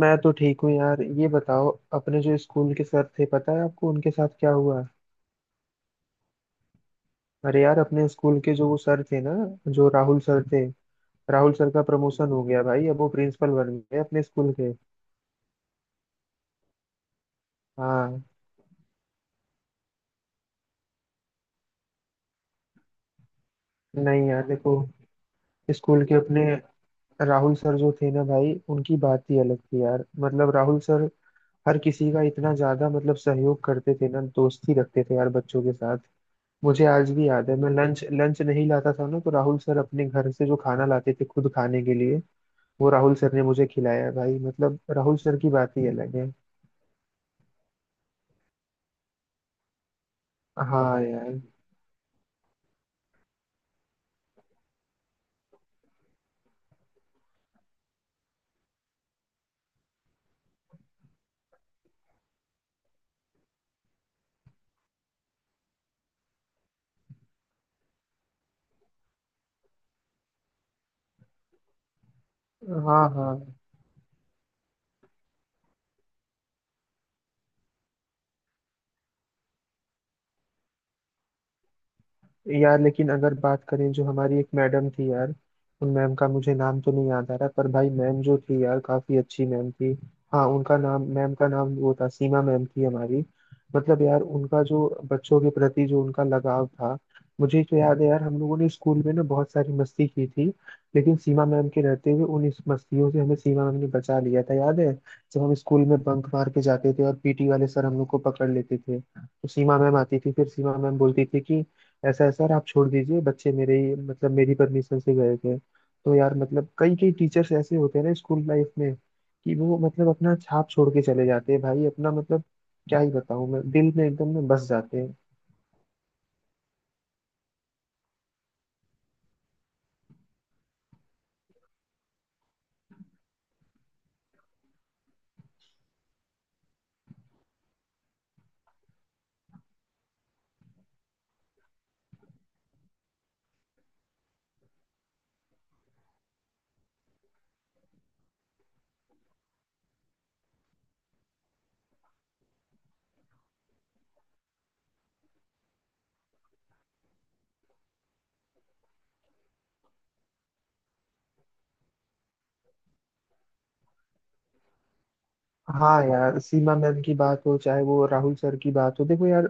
मैं तो ठीक हूँ यार। ये बताओ अपने जो स्कूल के सर थे पता है आपको उनके साथ क्या हुआ? अरे यार अपने स्कूल के जो वो सर थे ना, जो राहुल सर थे, राहुल सर का प्रमोशन हो गया भाई। अब वो प्रिंसिपल बन गए अपने स्कूल के। हाँ। नहीं यार देखो, स्कूल के अपने राहुल सर जो थे ना भाई, उनकी बात ही अलग थी यार। मतलब राहुल सर हर किसी का इतना ज्यादा मतलब सहयोग करते थे ना, दोस्ती रखते थे यार बच्चों के साथ। मुझे आज भी याद है, मैं लंच लंच नहीं लाता था ना, तो राहुल सर अपने घर से जो खाना लाते थे खुद खाने के लिए वो राहुल सर ने मुझे खिलाया है भाई। मतलब राहुल सर की बात ही अलग है। हाँ यार। हाँ हाँ। यार लेकिन अगर बात करें जो हमारी एक मैडम थी यार, उन मैम का मुझे नाम तो नहीं याद आ रहा, पर भाई मैम जो थी यार काफी अच्छी मैम थी। हाँ उनका नाम, मैम का नाम वो था, सीमा मैम थी हमारी। मतलब यार उनका जो बच्चों के प्रति जो उनका लगाव था। मुझे तो याद है यार, हम लोगों ने स्कूल में ना बहुत सारी मस्ती की थी, लेकिन सीमा मैम के रहते हुए उन इस मस्तियों से हमें सीमा मैम ने बचा लिया था, याद है? जब हम स्कूल में बंक मार के जाते थे और पीटी वाले सर हम लोग को पकड़ लेते थे तो सीमा मैम आती थी, फिर सीमा मैम बोलती थी कि ऐसा है सर आप छोड़ दीजिए बच्चे, मेरे ही मतलब मेरी परमिशन से गए थे। तो यार मतलब कई कई टीचर्स ऐसे होते हैं ना स्कूल लाइफ में, कि वो मतलब अपना छाप छोड़ के चले जाते हैं भाई, अपना मतलब क्या ही बताऊं, मैं दिल में एकदम में बस जाते हैं। हाँ यार, सीमा मैम की बात हो चाहे वो राहुल सर की बात हो, देखो यार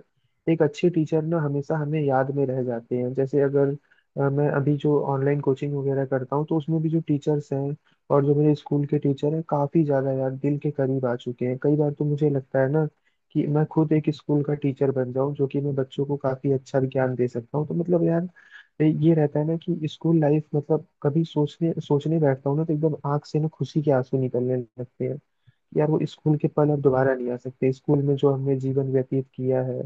एक अच्छे टीचर ना हमेशा हमें याद में रह जाते हैं। जैसे अगर मैं अभी जो ऑनलाइन कोचिंग वगैरह करता हूँ तो उसमें भी जो टीचर्स हैं और जो मेरे स्कूल के टीचर हैं काफी ज्यादा यार दिल के करीब आ चुके हैं। कई बार तो मुझे लगता है ना कि मैं खुद एक स्कूल का टीचर बन जाऊँ, जो कि मैं बच्चों को काफी अच्छा ज्ञान दे सकता हूँ। तो मतलब यार ये रहता है ना कि स्कूल लाइफ मतलब कभी सोचने सोचने बैठता हूँ ना तो एकदम आंख से ना खुशी के आंसू निकलने लगते हैं। यार वो स्कूल के पल अब दोबारा नहीं आ सकते। स्कूल में जो हमने जीवन व्यतीत किया है,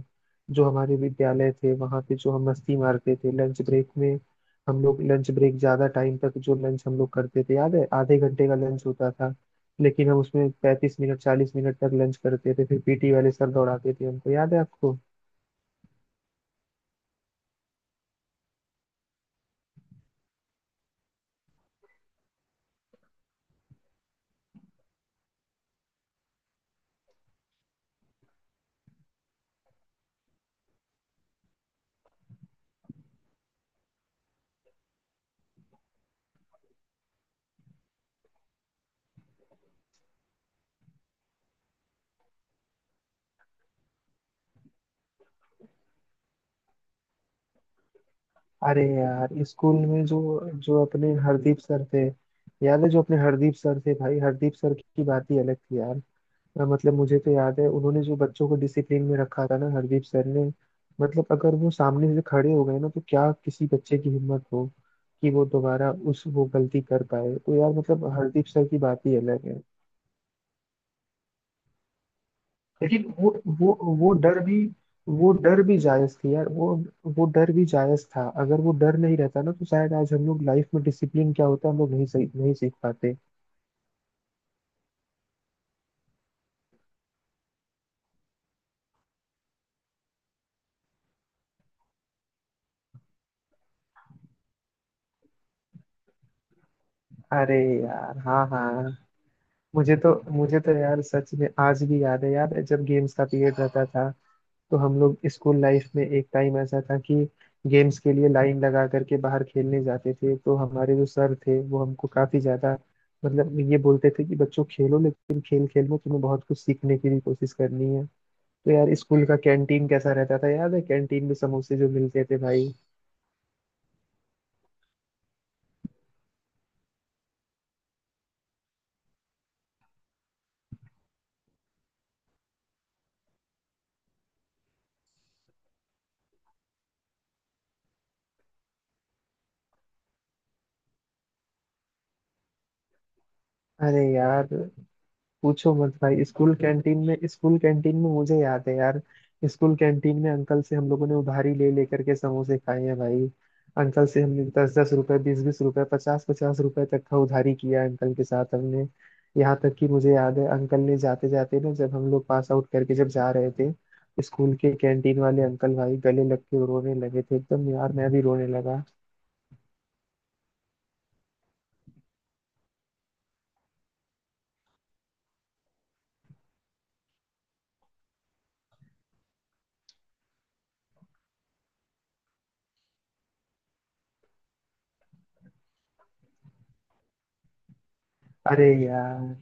जो हमारे विद्यालय थे वहां पे जो हम मस्ती मारते थे लंच ब्रेक में। हम लोग लंच ब्रेक ज्यादा टाइम तक जो लंच हम लोग करते थे, याद है आधे घंटे का लंच होता था लेकिन हम उसमें 35 मिनट 40 मिनट तक लंच करते थे, फिर पीटी वाले सर दौड़ाते थे हमको, याद है आपको? अरे यार स्कूल में जो जो अपने हरदीप सर थे, याद है जो अपने हरदीप सर थे भाई, हरदीप सर की बात ही अलग थी यार। मतलब मुझे तो याद है उन्होंने जो बच्चों को डिसिप्लिन में रखा था ना हरदीप सर ने। मतलब अगर वो सामने से खड़े हो गए ना तो क्या किसी बच्चे की हिम्मत हो कि वो दोबारा उस वो गलती कर पाए। तो यार मतलब हरदीप सर की बात ही अलग है। लेकिन वो वो डर भी वो डर भी जायज थी यार। वो डर भी जायज था, अगर वो डर नहीं रहता ना तो शायद आज हम लोग लाइफ में डिसिप्लिन क्या होता है हम लोग नहीं सही नहीं सीख पाते। अरे यार। हाँ हाँ। मुझे तो यार सच में आज भी याद है यार, जब गेम्स का पीरियड रहता था तो हम लोग स्कूल लाइफ में एक टाइम ऐसा था कि गेम्स के लिए लाइन लगा करके बाहर खेलने जाते थे तो हमारे जो सर थे वो हमको काफी ज्यादा मतलब ये बोलते थे कि बच्चों खेलो लेकिन खेल खेल में तुम्हें बहुत कुछ सीखने की भी कोशिश करनी है। तो यार स्कूल का कैंटीन कैसा रहता था, याद है कैंटीन में समोसे जो मिलते थे भाई? अरे यार पूछो मत भाई, स्कूल कैंटीन में मुझे याद है यार, स्कूल कैंटीन में अंकल से हम लोगों ने उधारी ले लेकर के समोसे खाए हैं भाई। अंकल से हमने 10-10 रुपए 20-20 रुपए 50-50 रुपए तक का उधारी किया है अंकल के साथ हमने। यहाँ तक कि मुझे याद है अंकल ने जाते जाते ना, जब हम लोग पास आउट करके जब जा रहे थे, स्कूल के कैंटीन वाले अंकल भाई गले लग के रोने लगे थे एकदम, यार मैं भी रोने लगा। अरे यार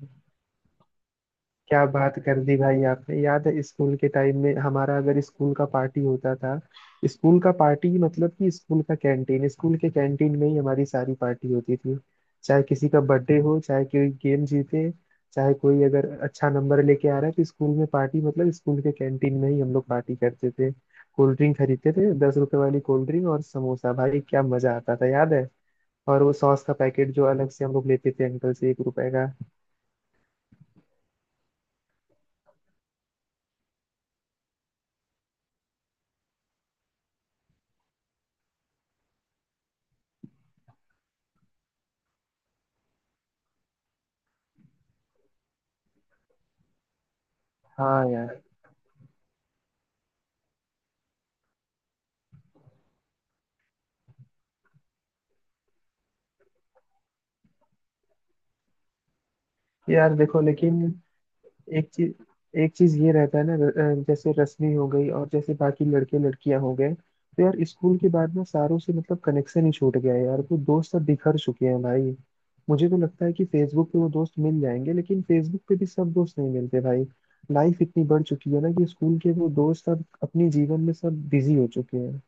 क्या बात कर दी भाई आपने, याद है स्कूल के टाइम में हमारा अगर स्कूल का पार्टी होता था? स्कूल का पार्टी मतलब कि स्कूल का कैंटीन, स्कूल के कैंटीन में ही हमारी सारी पार्टी होती थी। चाहे किसी का बर्थडे हो, चाहे कोई गेम जीते, चाहे कोई अगर अच्छा नंबर लेके आ रहा है तो स्कूल में पार्टी मतलब स्कूल के कैंटीन में ही हम लोग पार्टी करते थे। कोल्ड ड्रिंक खरीदते थे, 10 रुपए वाली कोल्ड ड्रिंक और समोसा भाई क्या मजा आता था याद है? और वो सॉस का पैकेट जो अलग से हम लोग लेते थे अंकल से, 1 रुपए का। हाँ यार। यार देखो लेकिन एक चीज एक चीज ये रहता है ना जैसे रश्मि हो गई और जैसे बाकी लड़के लड़कियां हो गए तो यार स्कूल के बाद ना सारों से मतलब कनेक्शन ही छूट गया है यार। वो दोस्त सब बिखर चुके हैं भाई। मुझे तो लगता है कि फेसबुक पे वो दोस्त मिल जाएंगे लेकिन फेसबुक पे भी सब दोस्त नहीं मिलते भाई। लाइफ इतनी बढ़ चुकी है ना कि स्कूल के वो दोस्त अब अपने जीवन में सब बिजी हो चुके हैं।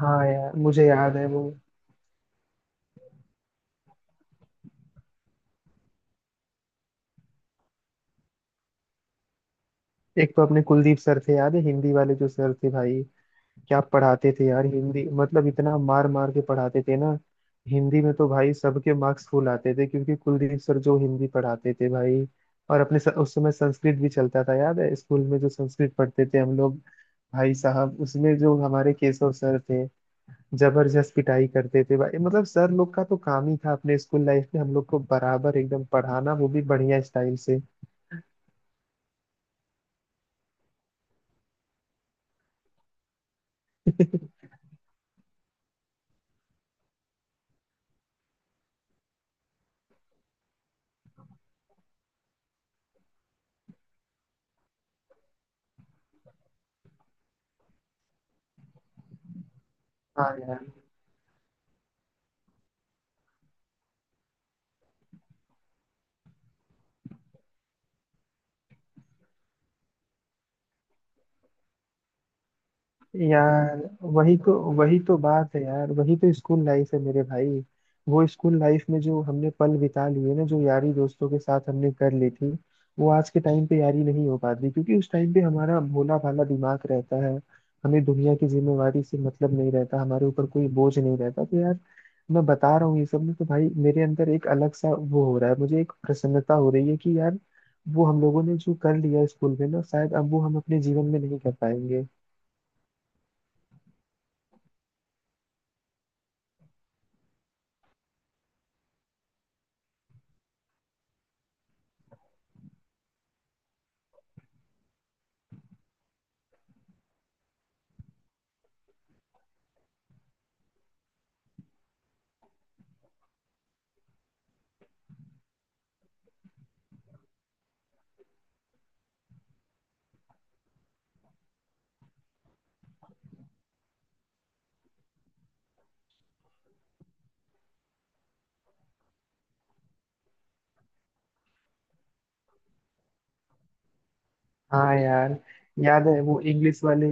हाँ यार मुझे याद है वो। एक तो अपने कुलदीप सर थे, याद है हिंदी वाले जो सर थे भाई? क्या पढ़ाते थे यार हिंदी, मतलब इतना मार मार के पढ़ाते थे ना। हिंदी में तो भाई सबके मार्क्स फुल आते थे क्योंकि कुलदीप सर जो हिंदी पढ़ाते थे भाई। और उस समय संस्कृत भी चलता था, याद है स्कूल में जो संस्कृत पढ़ते थे हम लोग? भाई साहब उसमें जो हमारे केशव सर थे, जबरदस्त पिटाई करते थे भाई। मतलब सर लोग का तो काम ही था अपने स्कूल लाइफ में हम लोग को बराबर एकदम पढ़ाना, वो भी बढ़िया स्टाइल से। हाँ यार। यार वही तो बात है यार, वही तो स्कूल लाइफ है मेरे भाई। वो स्कूल लाइफ में जो हमने पल बिता लिए ना, जो यारी दोस्तों के साथ हमने कर ली थी, वो आज के टाइम पे यारी नहीं हो पाती क्योंकि उस टाइम पे हमारा भोला भाला दिमाग रहता है, हमें दुनिया की जिम्मेवारी से मतलब नहीं रहता, हमारे ऊपर कोई बोझ नहीं रहता। तो यार मैं बता रहा हूँ ये सब ना, तो भाई मेरे अंदर एक अलग सा वो हो रहा है, मुझे एक प्रसन्नता हो रही है कि यार, वो हम लोगों ने जो कर लिया स्कूल में ना शायद अब वो हम अपने जीवन में नहीं कर पाएंगे। हाँ यार, याद है वो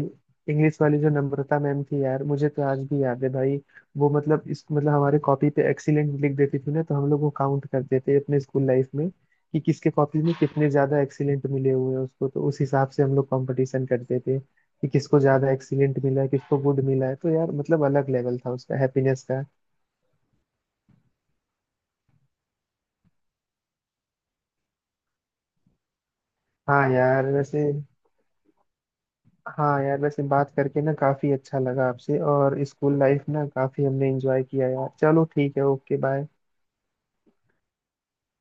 इंग्लिश वाली जो नम्रता मैम थी यार, मुझे तो आज भी याद है भाई। वो मतलब इस मतलब हमारे कॉपी पे एक्सीलेंट लिख देती थी ना, तो हम लोग वो काउंट करते थे अपने स्कूल लाइफ में कि किसके कॉपी में कितने ज्यादा एक्सीलेंट मिले हुए हैं उसको, तो उस हिसाब से हम लोग कंपटीशन करते थे कि किसको ज्यादा एक्सीलेंट मिला है किसको गुड मिला है। तो यार मतलब अलग लेवल था उसका हैप्पीनेस का। हाँ यार वैसे हाँ यार वैसे बात करके ना काफी अच्छा लगा आपसे, और स्कूल लाइफ ना काफी हमने एंजॉय किया यार। चलो ठीक है ओके बाय।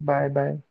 Bye bye.